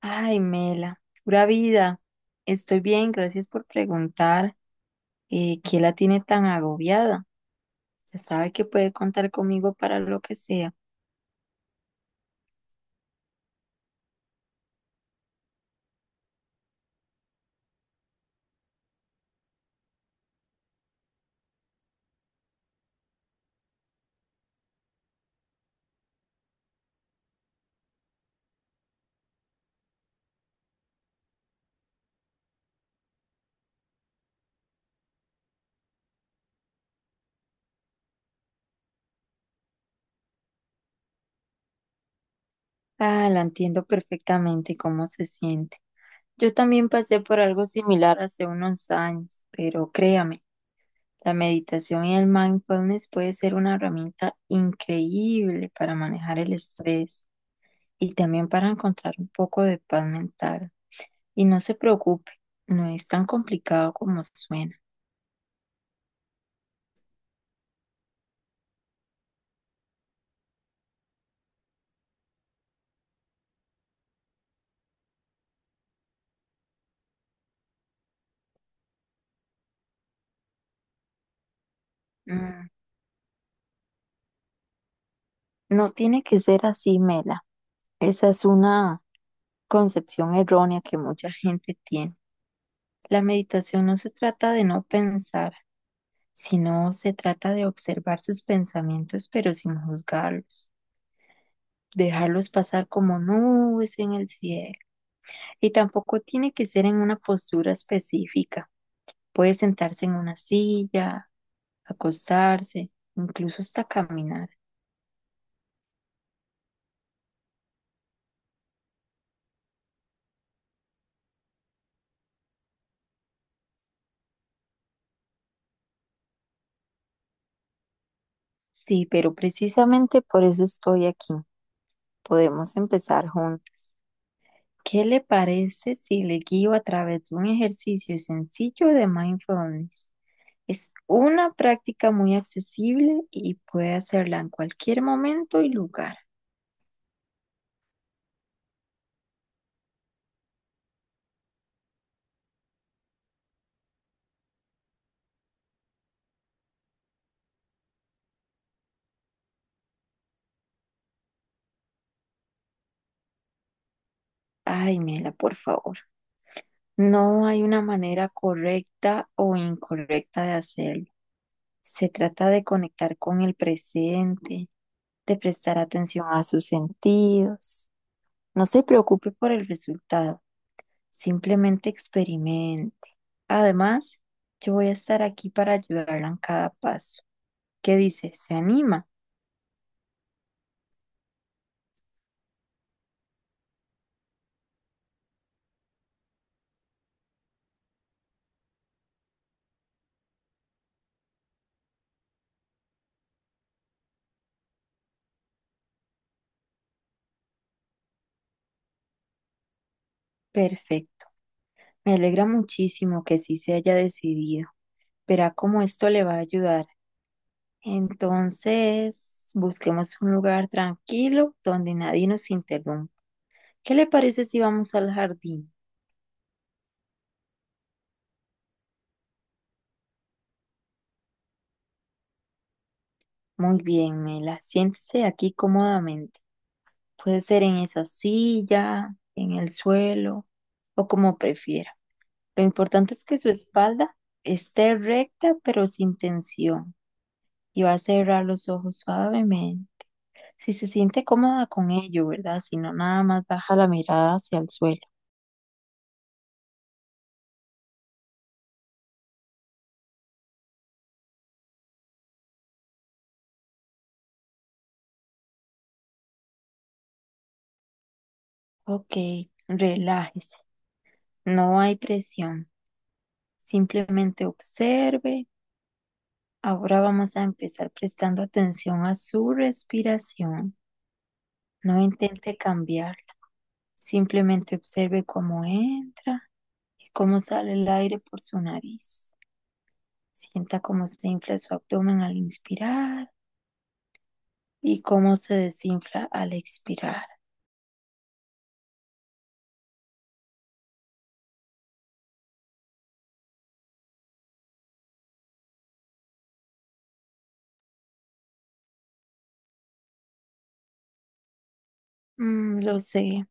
Ay, Mela, pura vida. Estoy bien, gracias por preguntar. ¿Qué la tiene tan agobiada? Ya sabe que puede contar conmigo para lo que sea. Ah, la entiendo perfectamente cómo se siente. Yo también pasé por algo similar hace unos años, pero créame, la meditación y el mindfulness puede ser una herramienta increíble para manejar el estrés y también para encontrar un poco de paz mental. Y no se preocupe, no es tan complicado como suena. Mm. No tiene que ser así, Mela. Esa es una concepción errónea que mucha gente tiene. La meditación no se trata de no pensar, sino se trata de observar sus pensamientos, pero sin juzgarlos, dejarlos pasar como nubes en el cielo. Y tampoco tiene que ser en una postura específica. Puede sentarse en una silla, acostarse, incluso hasta caminar. Sí, pero precisamente por eso estoy aquí. Podemos empezar juntos. ¿Qué le parece si le guío a través de un ejercicio sencillo de mindfulness? Es una práctica muy accesible y puede hacerla en cualquier momento y lugar. Ay, Mela, por favor. No hay una manera correcta o incorrecta de hacerlo. Se trata de conectar con el presente, de prestar atención a sus sentidos. No se preocupe por el resultado, simplemente experimente. Además, yo voy a estar aquí para ayudarla en cada paso. ¿Qué dice? ¿Se anima? Perfecto. Me alegra muchísimo que sí se haya decidido. Verá cómo esto le va a ayudar. Entonces, busquemos un lugar tranquilo donde nadie nos interrumpa. ¿Qué le parece si vamos al jardín? Muy bien, Mela. Siéntese aquí cómodamente. Puede ser en esa silla, en el suelo o como prefiera. Lo importante es que su espalda esté recta pero sin tensión y va a cerrar los ojos suavemente. Si se siente cómoda con ello, ¿verdad? Si no, nada más baja la mirada hacia el suelo. Ok, relájese, no hay presión, simplemente observe. Ahora vamos a empezar prestando atención a su respiración. No intente cambiarla, simplemente observe cómo entra y cómo sale el aire por su nariz. Sienta cómo se infla su abdomen al inspirar y cómo se desinfla al expirar. Mm, lo sé,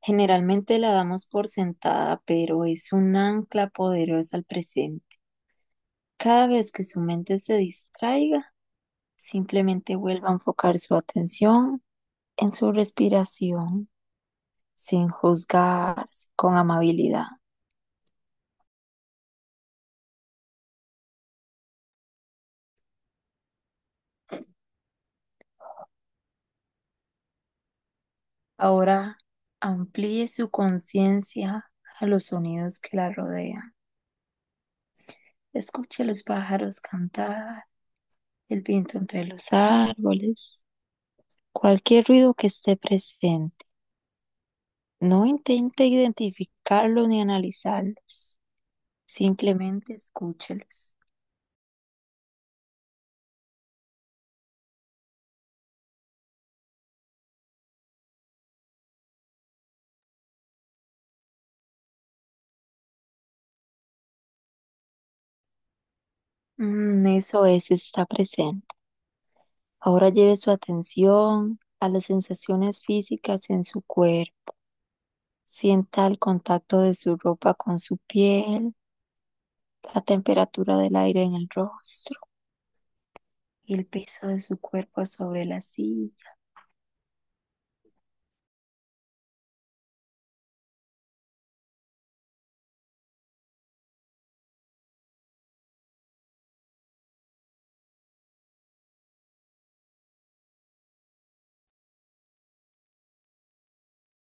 generalmente la damos por sentada, pero es un ancla poderosa al presente. Cada vez que su mente se distraiga, simplemente vuelva a enfocar su atención en su respiración, sin juzgarse, con amabilidad. Ahora amplíe su conciencia a los sonidos que la rodean. Escuche a los pájaros cantar, el viento entre los árboles, cualquier ruido que esté presente. No intente identificarlos ni analizarlos, simplemente escúchelos. Mm, eso es, está presente. Ahora lleve su atención a las sensaciones físicas en su cuerpo. Sienta el contacto de su ropa con su piel, la temperatura del aire en el rostro y el peso de su cuerpo sobre la silla.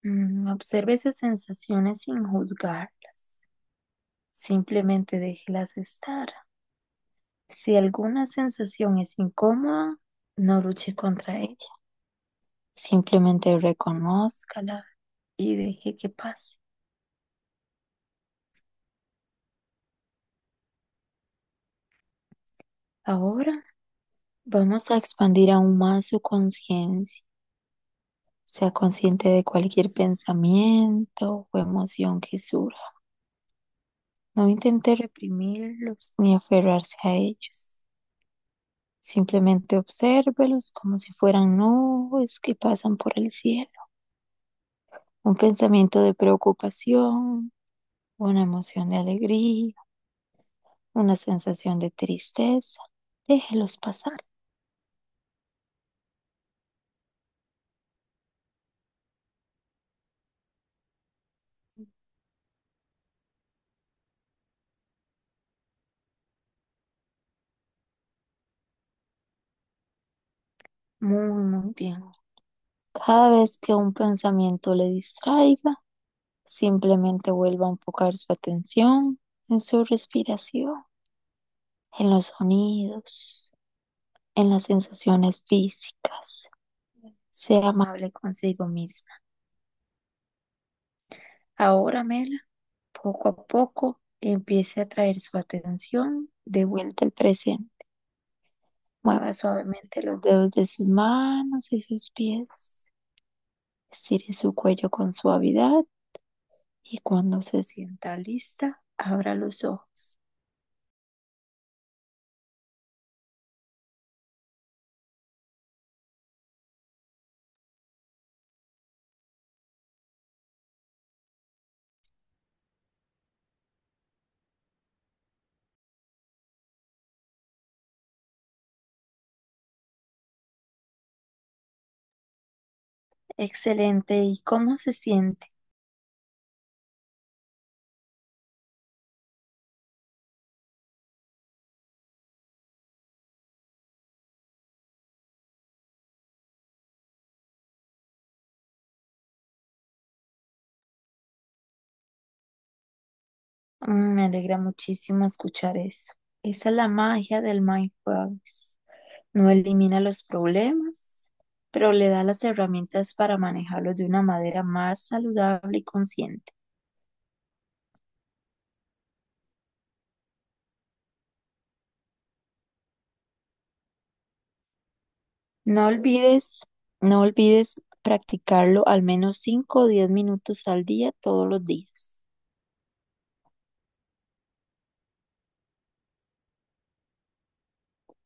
Mm, observe esas sensaciones sin juzgarlas. Simplemente déjelas estar. Si alguna sensación es incómoda, no luche contra ella. Simplemente reconózcala y deje que pase. Ahora vamos a expandir aún más su conciencia. Sea consciente de cualquier pensamiento o emoción que surja. No intente reprimirlos ni aferrarse a ellos. Simplemente obsérvelos como si fueran nubes que pasan por el cielo. Un pensamiento de preocupación, una emoción de alegría, una sensación de tristeza. Déjelos pasar. Muy, muy bien. Cada vez que un pensamiento le distraiga, simplemente vuelva a enfocar su atención en su respiración, en los sonidos, en las sensaciones físicas. Sea amable consigo misma. Ahora, Mela, poco a poco empiece a traer su atención de vuelta al presente. Mueva suavemente los dedos de sus manos y sus pies. Estire su cuello con suavidad y cuando se sienta lista, abra los ojos. Excelente. ¿Y cómo se siente? Mm, me alegra muchísimo escuchar eso. Esa es la magia del mindfulness. No elimina los problemas, pero le da las herramientas para manejarlos de una manera más saludable y consciente. No olvides, no olvides practicarlo al menos 5 o 10 minutos al día todos los días.